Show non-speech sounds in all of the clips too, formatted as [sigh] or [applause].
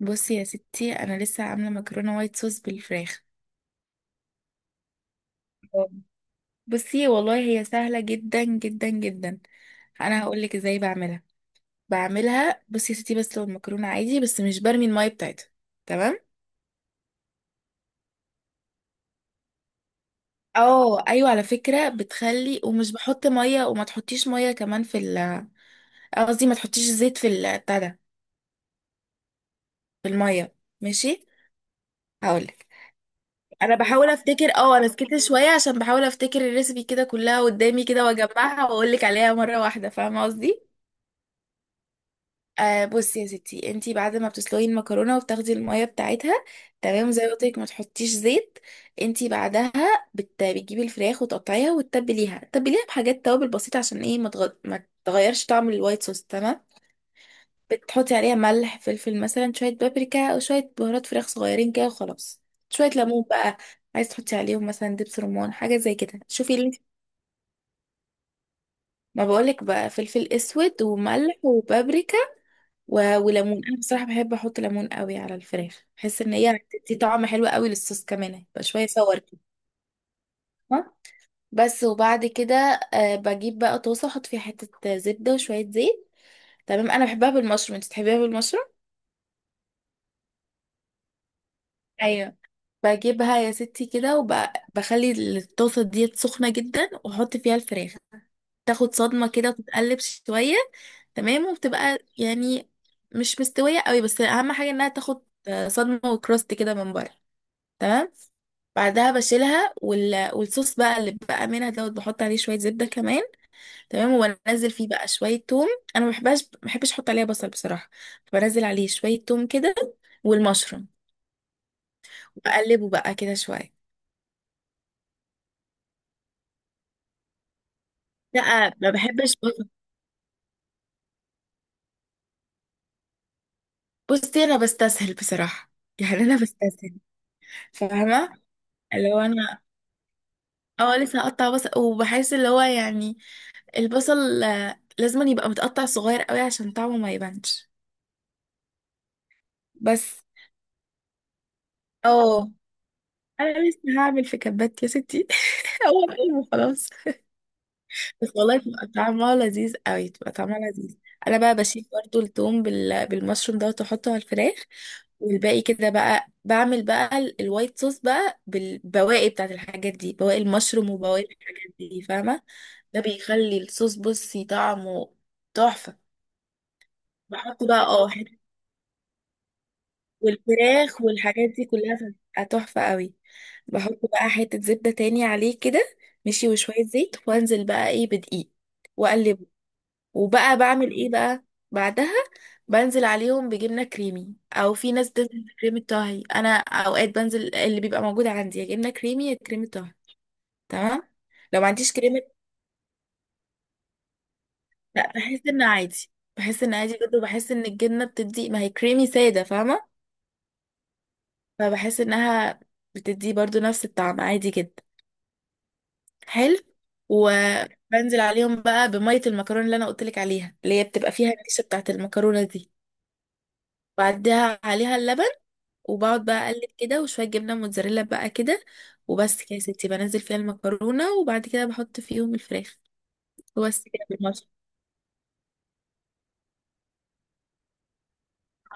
بصي يا ستي، انا لسه عامله مكرونه وايت صوص بالفراخ. آه. بصي والله هي سهله جدا جدا جدا. انا هقول لك ازاي بعملها. بعملها بصي يا ستي، بس لو المكرونه عادي، بس مش برمي الميه بتاعتها. تمام. اه ايوه، على فكره بتخلي، ومش بحط ميه، وما تحطيش ميه كمان في ال- قصدي ما تحطيش زيت في ال- بتاع ده في الميه ماشي. هقولك. انا بحاول افتكر، اه انا سكت شويه عشان بحاول افتكر الريسبي كده كلها قدامي كده، واجمعها واقول لك عليها مره واحده، فاهمه قصدي. آه، بصي يا ستي، انتي بعد ما بتسلقي المكرونه وبتاخدي الميه بتاعتها، تمام، زي ما قلت لك ما تحطيش زيت. انتي بعدها بتجيبي الفراخ وتقطعيها وتتبليها، تتبليها بحاجات توابل بسيطه عشان ايه ما تغيرش طعم الوايت صوص. تمام. بتحطي عليها ملح، فلفل، مثلا شويه بابريكا، او شويه بهارات فراخ صغيرين كده وخلاص. شويه ليمون بقى. عايز تحطي عليهم مثلا دبس رمان، حاجه زي كده، شوفي اللي انت. ما بقولك بقى فلفل اسود وملح وبابريكا و- وليمون. انا بصراحه بحب احط ليمون قوي على الفراخ، بحس ان هي بتدي طعم حلو قوي للصوص كمان، يبقى شويه صور كده. ها؟ بس وبعد كده، بجيب بقى طاسه احط فيها حته زبده وشويه زيت. تمام. انا بحبها بالمشروم، انت بتحبيها بالمشروم. ايوب. بجيبها يا ستي كده وبخلي الطاسه ديت سخنه جدا، واحط فيها الفراخ، تاخد صدمه كده وتتقلب شويه. تمام، وبتبقى يعني مش مستويه قوي، بس اهم حاجه انها تاخد صدمه وكراست كده من بره. تمام. بعدها بشيلها، وال... والصوص بقى اللي بقى منها دوت بحط عليه شويه زبده كمان. تمام، وبنزل فيه بقى شويه توم. انا ما بحبهاش، ما بحبش احط عليها بصل بصراحه. بنزل عليه شويه توم كده والمشروم، بقلبه بقى كده شويه. لا ما بحبش بصل. بصي انا بستسهل بصراحه [laughs] يعني انا بستسهل، فاهمه، اللي هو انا. اه، لسه هقطع بصل، وبحس اللي هو يعني البصل لازم يبقى متقطع صغير قوي عشان طعمه ما يبانش. بس. اه. انا لسه هعمل في كبات يا ستي. [laughs] هو قلبه خلاص. بس والله بتبقى طعمها لذيذ قوي، بتبقى طعمها لذيذ. انا بقى بشيل برضو التوم بال... بالمشروم ده، واحطه على الفراخ. والباقي كده بقى بعمل بقى ال- الوايت صوص بقى بالبواقي بتاعت الحاجات دي، بواقي المشروم وبواقي الحاجات دي، فاهمه. ده بيخلي الصوص بصي طعمه تحفه. بحط بقى اه والفراخ والحاجات دي كلها بتبقى تحفة قوي. بحط بقى حتة زبدة تاني عليه كده، ماشي، وشوية زيت، وانزل بقى ايه بدقيق، واقلبه، وبقى بعمل ايه بقى بعدها. بنزل عليهم بجبنة كريمي، او في ناس بتنزل بكريمة طهي، انا اوقات بنزل اللي بيبقى موجود عندي، يا جبنة كريمي يا كريمة طهي. تمام. لو ما عنديش كريمة، لا بحس ان عادي، بحس ان عادي جدا، وبحس ان الجبنة بتدي ما هي كريمي سادة، فاهمة، فبحس انها بتدي برضو نفس الطعم عادي جدا. حلو. وبنزل عليهم بقى بمية المكرونة اللي انا قلتلك عليها، اللي هي بتبقى فيها النشا بتاعت المكرونة دي. بعدها عليها اللبن، وبقعد بقى اقلب كده، وشوية جبنة موتزاريلا بقى كده. وبس كده يا ستي، بنزل فيها المكرونة، وبعد كده بحط فيهم الفراخ، وبس كده بالمصر.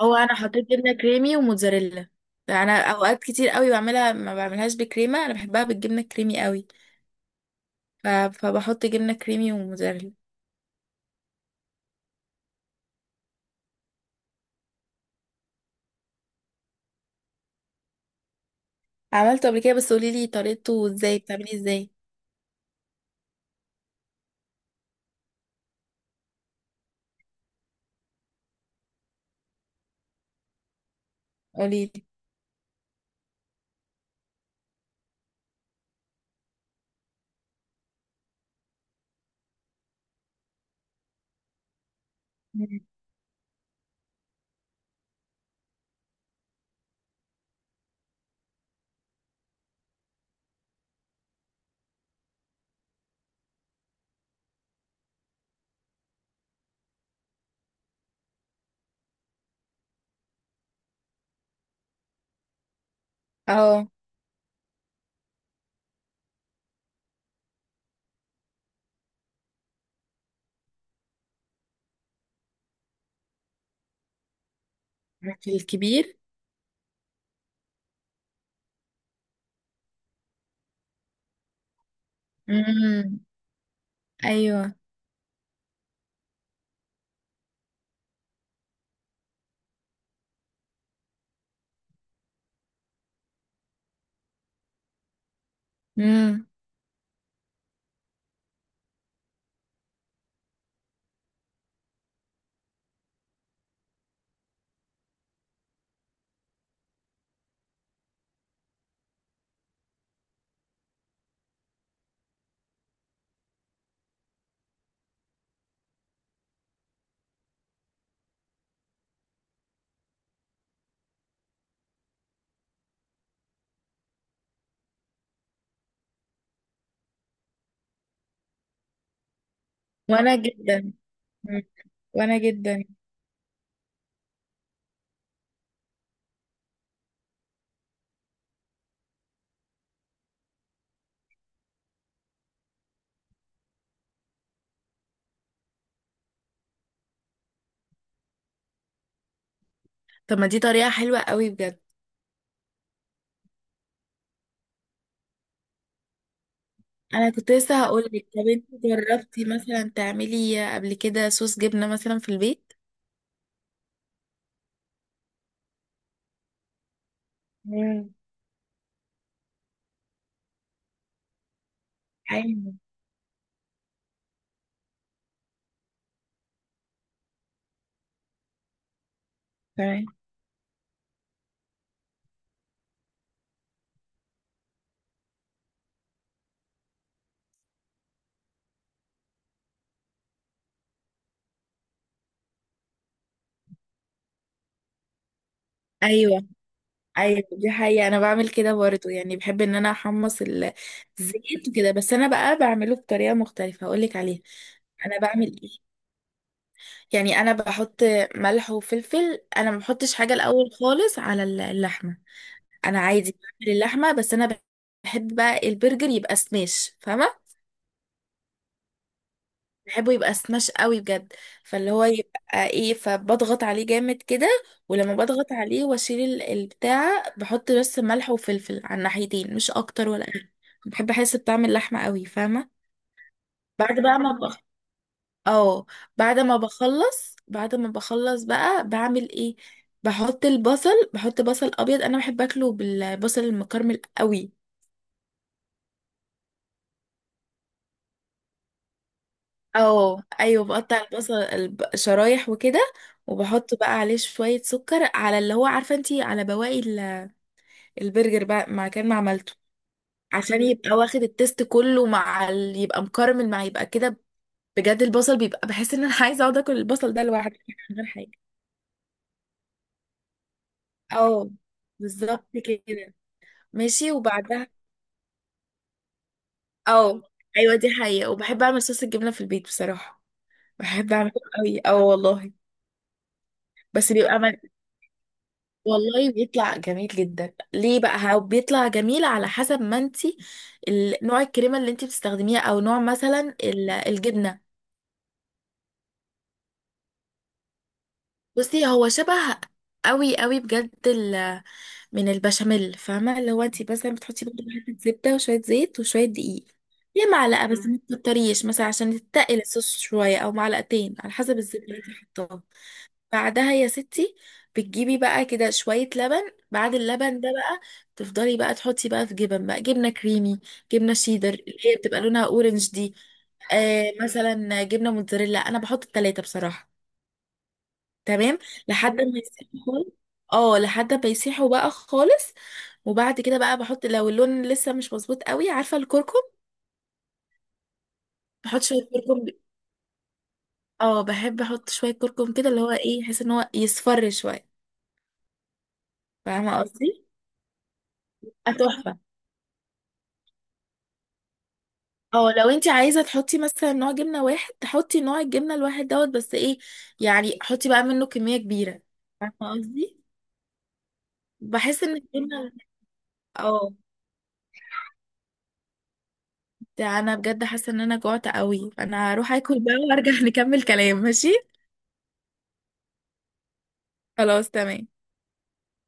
هو انا حطيت جبنة كريمي وموتزاريلا، انا اوقات كتير قوي بعملها ما بعملهاش بكريمة، انا بحبها بالجبنة الكريمي قوي، ف... فبحط جبنة كريمي وموتزاريلا. عملته قبل كده، بس قوليلي طريقته ازاي، بتعمليه ازاي؟ قوليلي. اه في الكبير. امم. ايوه. امم. وانا جدا. مم. وانا جدا. طب ما دي طريقة حلوة قوي بجد. انا كنت لسه هقول لك، طب انت جربتي مثلا تعملي قبل كده صوص جبنة مثلا في البيت؟ امم. ايوه. تمام. ايوه. ايوه دي حقيقة، انا بعمل كده برضه، يعني بحب ان انا احمص ال- الزيت وكده، بس انا بقى بعمله بطريقة مختلفة، هقول لك عليها. انا بعمل ايه؟ يعني انا بحط ملح وفلفل، انا ما بحطش حاجه الاول خالص على ال- اللحمه. انا عادي بعمل اللحمه، بس انا بحب بقى البرجر يبقى سماش، فاهمه. بحبه يبقى سماش قوي بجد، فاللي هو يبقى ايه، فبضغط عليه جامد كده. ولما بضغط عليه واشيل ال- البتاع، بحط بس ملح وفلفل على الناحيتين، مش اكتر ولا اقل. بحب احس بطعم اللحمه قوي، فاهمه. بعد بقى ما اه، بعد ما بخلص، بعد ما بخلص بقى بعمل ايه؟ بحط البصل، بحط بصل ابيض، انا بحب اكله بالبصل المكرمل قوي. اه ايوه، بقطع البصل الب- شرايح وكده، وبحط بقى عليه شوية سكر، على اللي هو عارفة انتي على بواقي ال- البرجر بقى ما كان ما عملته، عشان يبقى واخد التيست كله، مع ال... يبقى مكرمل مع يبقى كده. بجد البصل بيبقى، بحس ان انا [laughs] عايزة اقعد اكل البصل ده لوحده من غير حاجة. اه بالظبط كده. ماشي وبعدها اه، ايوه دي حقيقة، وبحب اعمل صوص الجبنة في البيت بصراحة. بحب اعمله قوي، اه والله. بس بيبقى من، والله بيطلع جميل جدا. ليه بقى، هو بيطلع جميل على حسب ما انتي ال- نوع الكريمة اللي انتي بتستخدميها، او نوع مثلا ال- الجبنة. بصي هو شبه قوي قوي بجد ال... من البشاميل، فاهمة، اللي هو انتي مثلا بتحطي برضه حتة زبدة وشوية زيت وشوية دقيق، هي معلقة بس ما تكتريش، مثلا عشان تتقل الصوص شوية، او معلقتين على حسب الزبدة اللي انتي حطاها. بعدها يا ستي بتجيبي بقى كده شوية لبن، بعد اللبن ده بقى تفضلي بقى تحطي بقى في جبن، بقى جبنة كريمي، جبنة شيدر اللي هي بتبقى لونها اورنج دي، آه مثلا جبنة موتزاريلا، انا بحط التلاتة بصراحة. تمام. لحد ما يسيحوا خالص. اه لحد ما يسيحوا بقى خالص. وبعد كده بقى بحط لو اللون لسه مش مظبوط قوي، عارفة الكركم؟ بحط شوية كركم. اه بحب احط شوية كركم كده، اللي هو ايه، يحس ان هو يصفر شوية، فاهمة قصدي؟ تحفة. اه لو انت عايزه تحطي مثلا نوع جبنه واحد، تحطي نوع الجبنه الواحد دوت، بس ايه يعني، حطي بقى منه كميه كبيره، فاهمه قصدي، بحس ان الجبنه اه. ده انا بجد حاسه ان انا جوعت قوي، فانا هروح اكل بقى وارجع [laughs] نكمل كلام، ماشي؟ خلاص تمام.